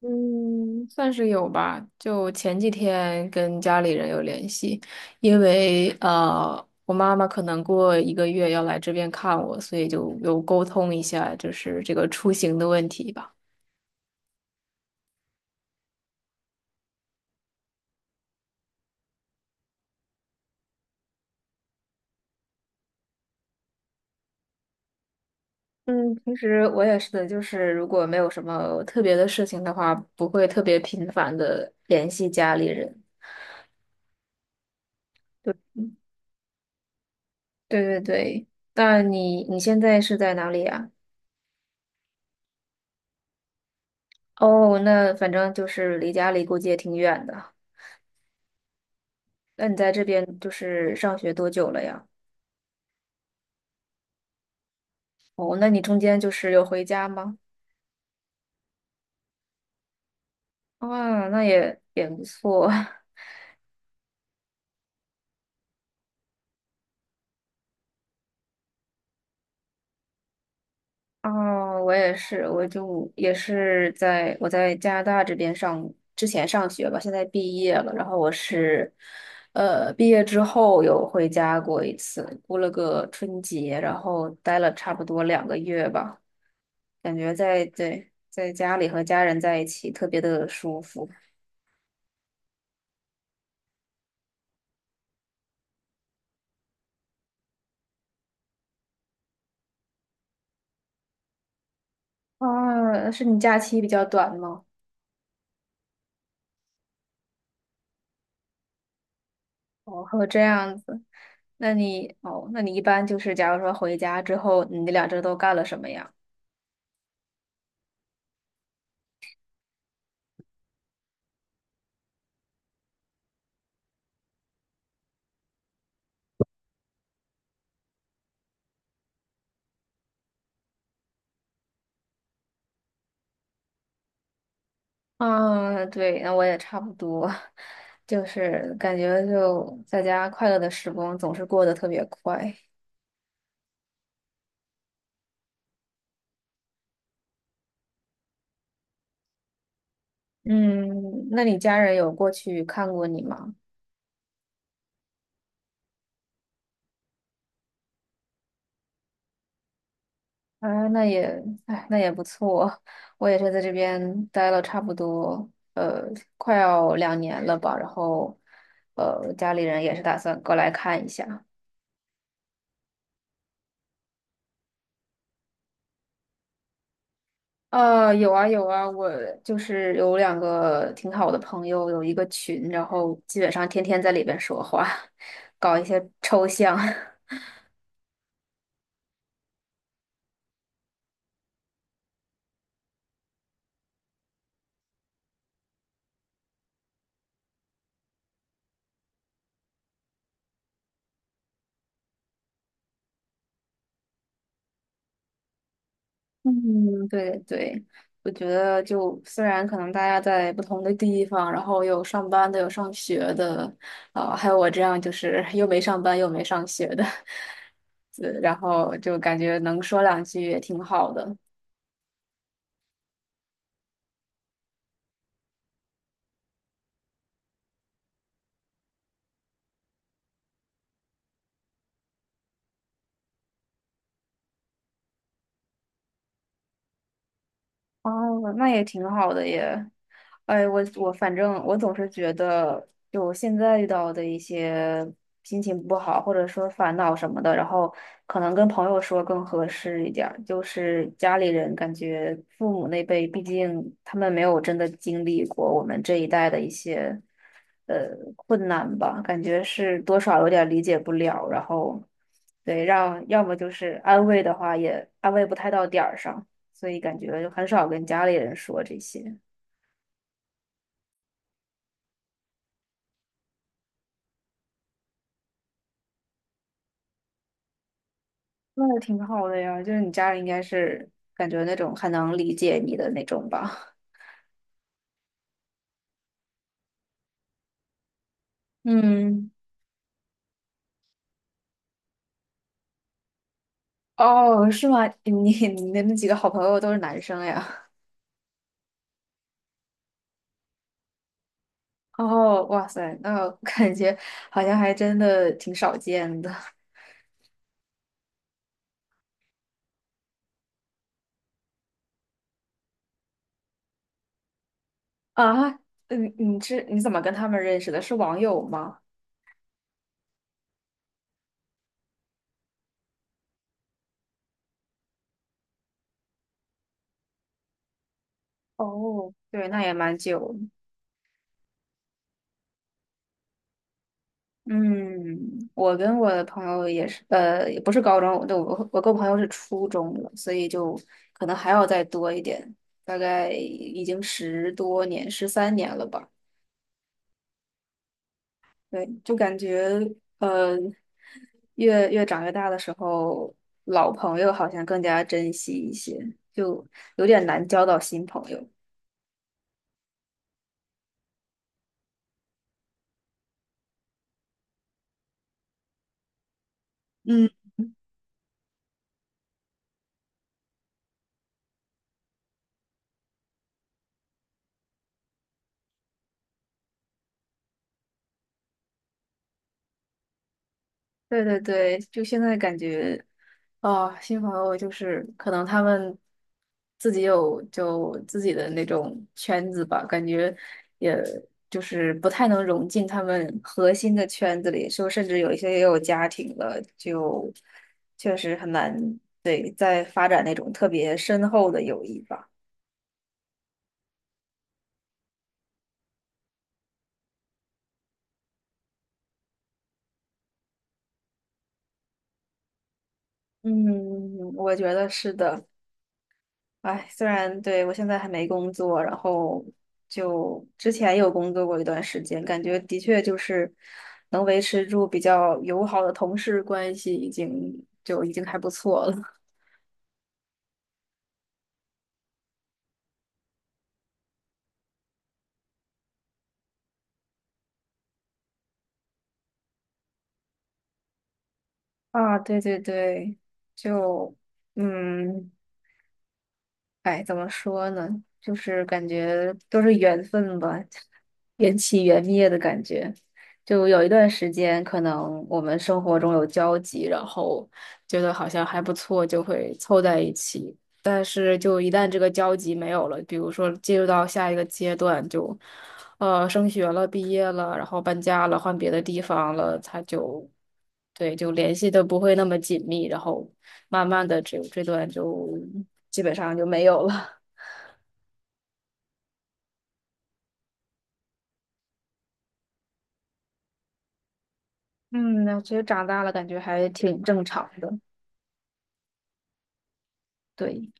嗯，算是有吧。就前几天跟家里人有联系，因为我妈妈可能过一个月要来这边看我，所以就有沟通一下，就是这个出行的问题吧。嗯，平时我也是的，就是如果没有什么特别的事情的话，不会特别频繁的联系家里人。对对对对，那你现在是在哪里啊？哦，那反正就是离家里估计也挺远的。那你在这边就是上学多久了呀？哦，那你中间就是有回家吗？啊，那也不错。啊。我也是，我就也是在我在加拿大这边上，之前上学吧，现在毕业了。然后我是，呃，毕业之后有回家过一次，过了个春节，然后待了差不多2个月吧，感觉在家里和家人在一起特别的舒服。啊，是你假期比较短吗？哦，还有这样子，那你一般就是假如说回家之后，你那2周都干了什么呀？啊，对，那我也差不多，就是感觉就在家快乐的时光总是过得特别快。嗯，那你家人有过去看过你吗？啊，那也，哎，那也不错。我也是在这边待了差不多，呃，快要2年了吧。然后，呃，家里人也是打算过来看一下。有啊有啊，我就是有两个挺好的朋友，有一个群，然后基本上天天在里边说话，搞一些抽象。嗯，对对，我觉得就虽然可能大家在不同的地方，然后有上班的，有上学的，啊、还有我这样就是又没上班又没上学的，然后就感觉能说2句也挺好的。哦，那也挺好的耶。哎，我反正我总是觉得，就我现在遇到的一些心情不好，或者说烦恼什么的，然后可能跟朋友说更合适一点儿。就是家里人感觉父母那辈，毕竟他们没有真的经历过我们这一代的一些呃困难吧，感觉是多少有点理解不了。然后对，让要么就是安慰的话也安慰不太到点儿上。所以感觉就很少跟家里人说这些。那也挺好的呀，就是你家人应该是感觉那种很能理解你的那种吧？嗯，哦，是吗？你的那几个好朋友都是男生呀？哦，哇塞，那感觉好像还真的挺少见的啊。嗯，你怎么跟他们认识的？是网友吗？哦，对，那也蛮久。嗯，我跟我的朋友也是，呃，也不是高中，对，我跟我朋友是初中了，所以就可能还要再多一点，大概已经10多年，13年了吧。对，就感觉呃，越长越大的时候，老朋友好像更加珍惜一些，就有点难交到新朋友。嗯，对对对，就现在感觉。哦，新朋友就是可能他们自己有就自己的那种圈子吧，感觉也就是不太能融进他们核心的圈子里，就甚至有一些也有家庭了，就确实很难，对，再发展那种特别深厚的友谊吧。嗯，我觉得是的。哎，虽然对我现在还没工作，然后就之前有工作过一段时间，感觉的确就是能维持住比较友好的同事关系，已经还不错了。啊，对对对，就嗯，哎，怎么说呢？就是感觉都是缘分吧。缘起缘灭的感觉。就有一段时间，可能我们生活中有交集，然后觉得好像还不错，就会凑在一起。但是，就一旦这个交集没有了，比如说进入到下一个阶段，就呃升学了、毕业了，然后搬家了、换别的地方了，他就对就联系的不会那么紧密，然后慢慢的这段就基本上就没有了。嗯，那其实长大了感觉还挺正常的，对。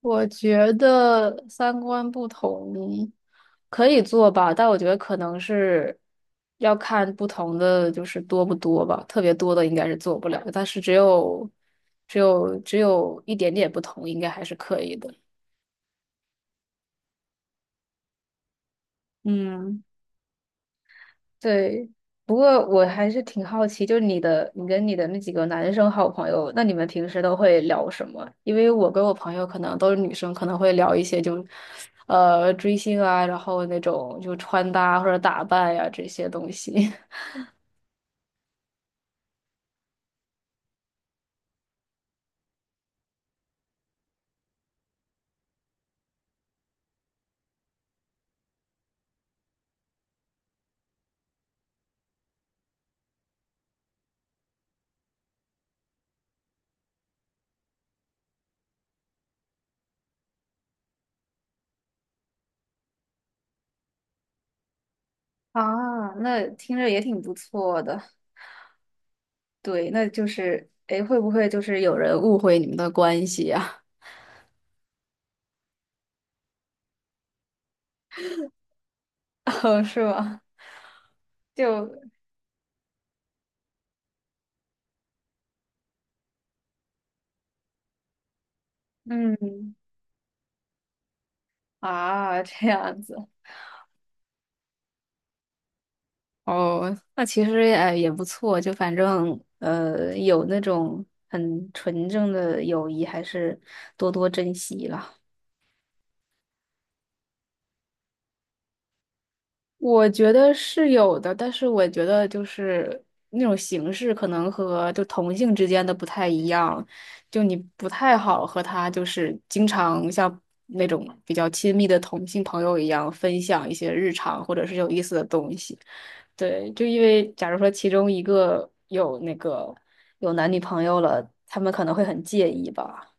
我觉得三观不同可以做吧，但我觉得可能是要看不同的，就是多不多吧。特别多的应该是做不了，但是只有一点点不同，应该还是可以的。嗯。对，不过我还是挺好奇，就是你的，你跟你的那几个男生好朋友，那你们平时都会聊什么？因为我跟我朋友可能都是女生，可能会聊一些就，呃，追星啊，然后那种就穿搭或者打扮呀、这些东西。啊，那听着也挺不错的。对，那就是，诶，会不会就是有人误会你们的关系呀、哦，是吗？就，嗯，啊，这样子。哦，那其实也不错，就反正有那种很纯正的友谊，还是多多珍惜了。我觉得是有的，但是我觉得就是那种形式可能和就同性之间的不太一样，就你不太好和他就是经常像那种比较亲密的同性朋友一样分享一些日常或者是有意思的东西。对，就因为假如说其中一个有那个有男女朋友了，他们可能会很介意吧。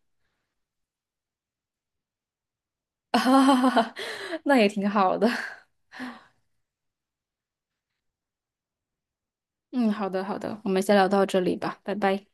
啊那也挺好的。嗯，好的，好的，我们先聊到这里吧，拜拜。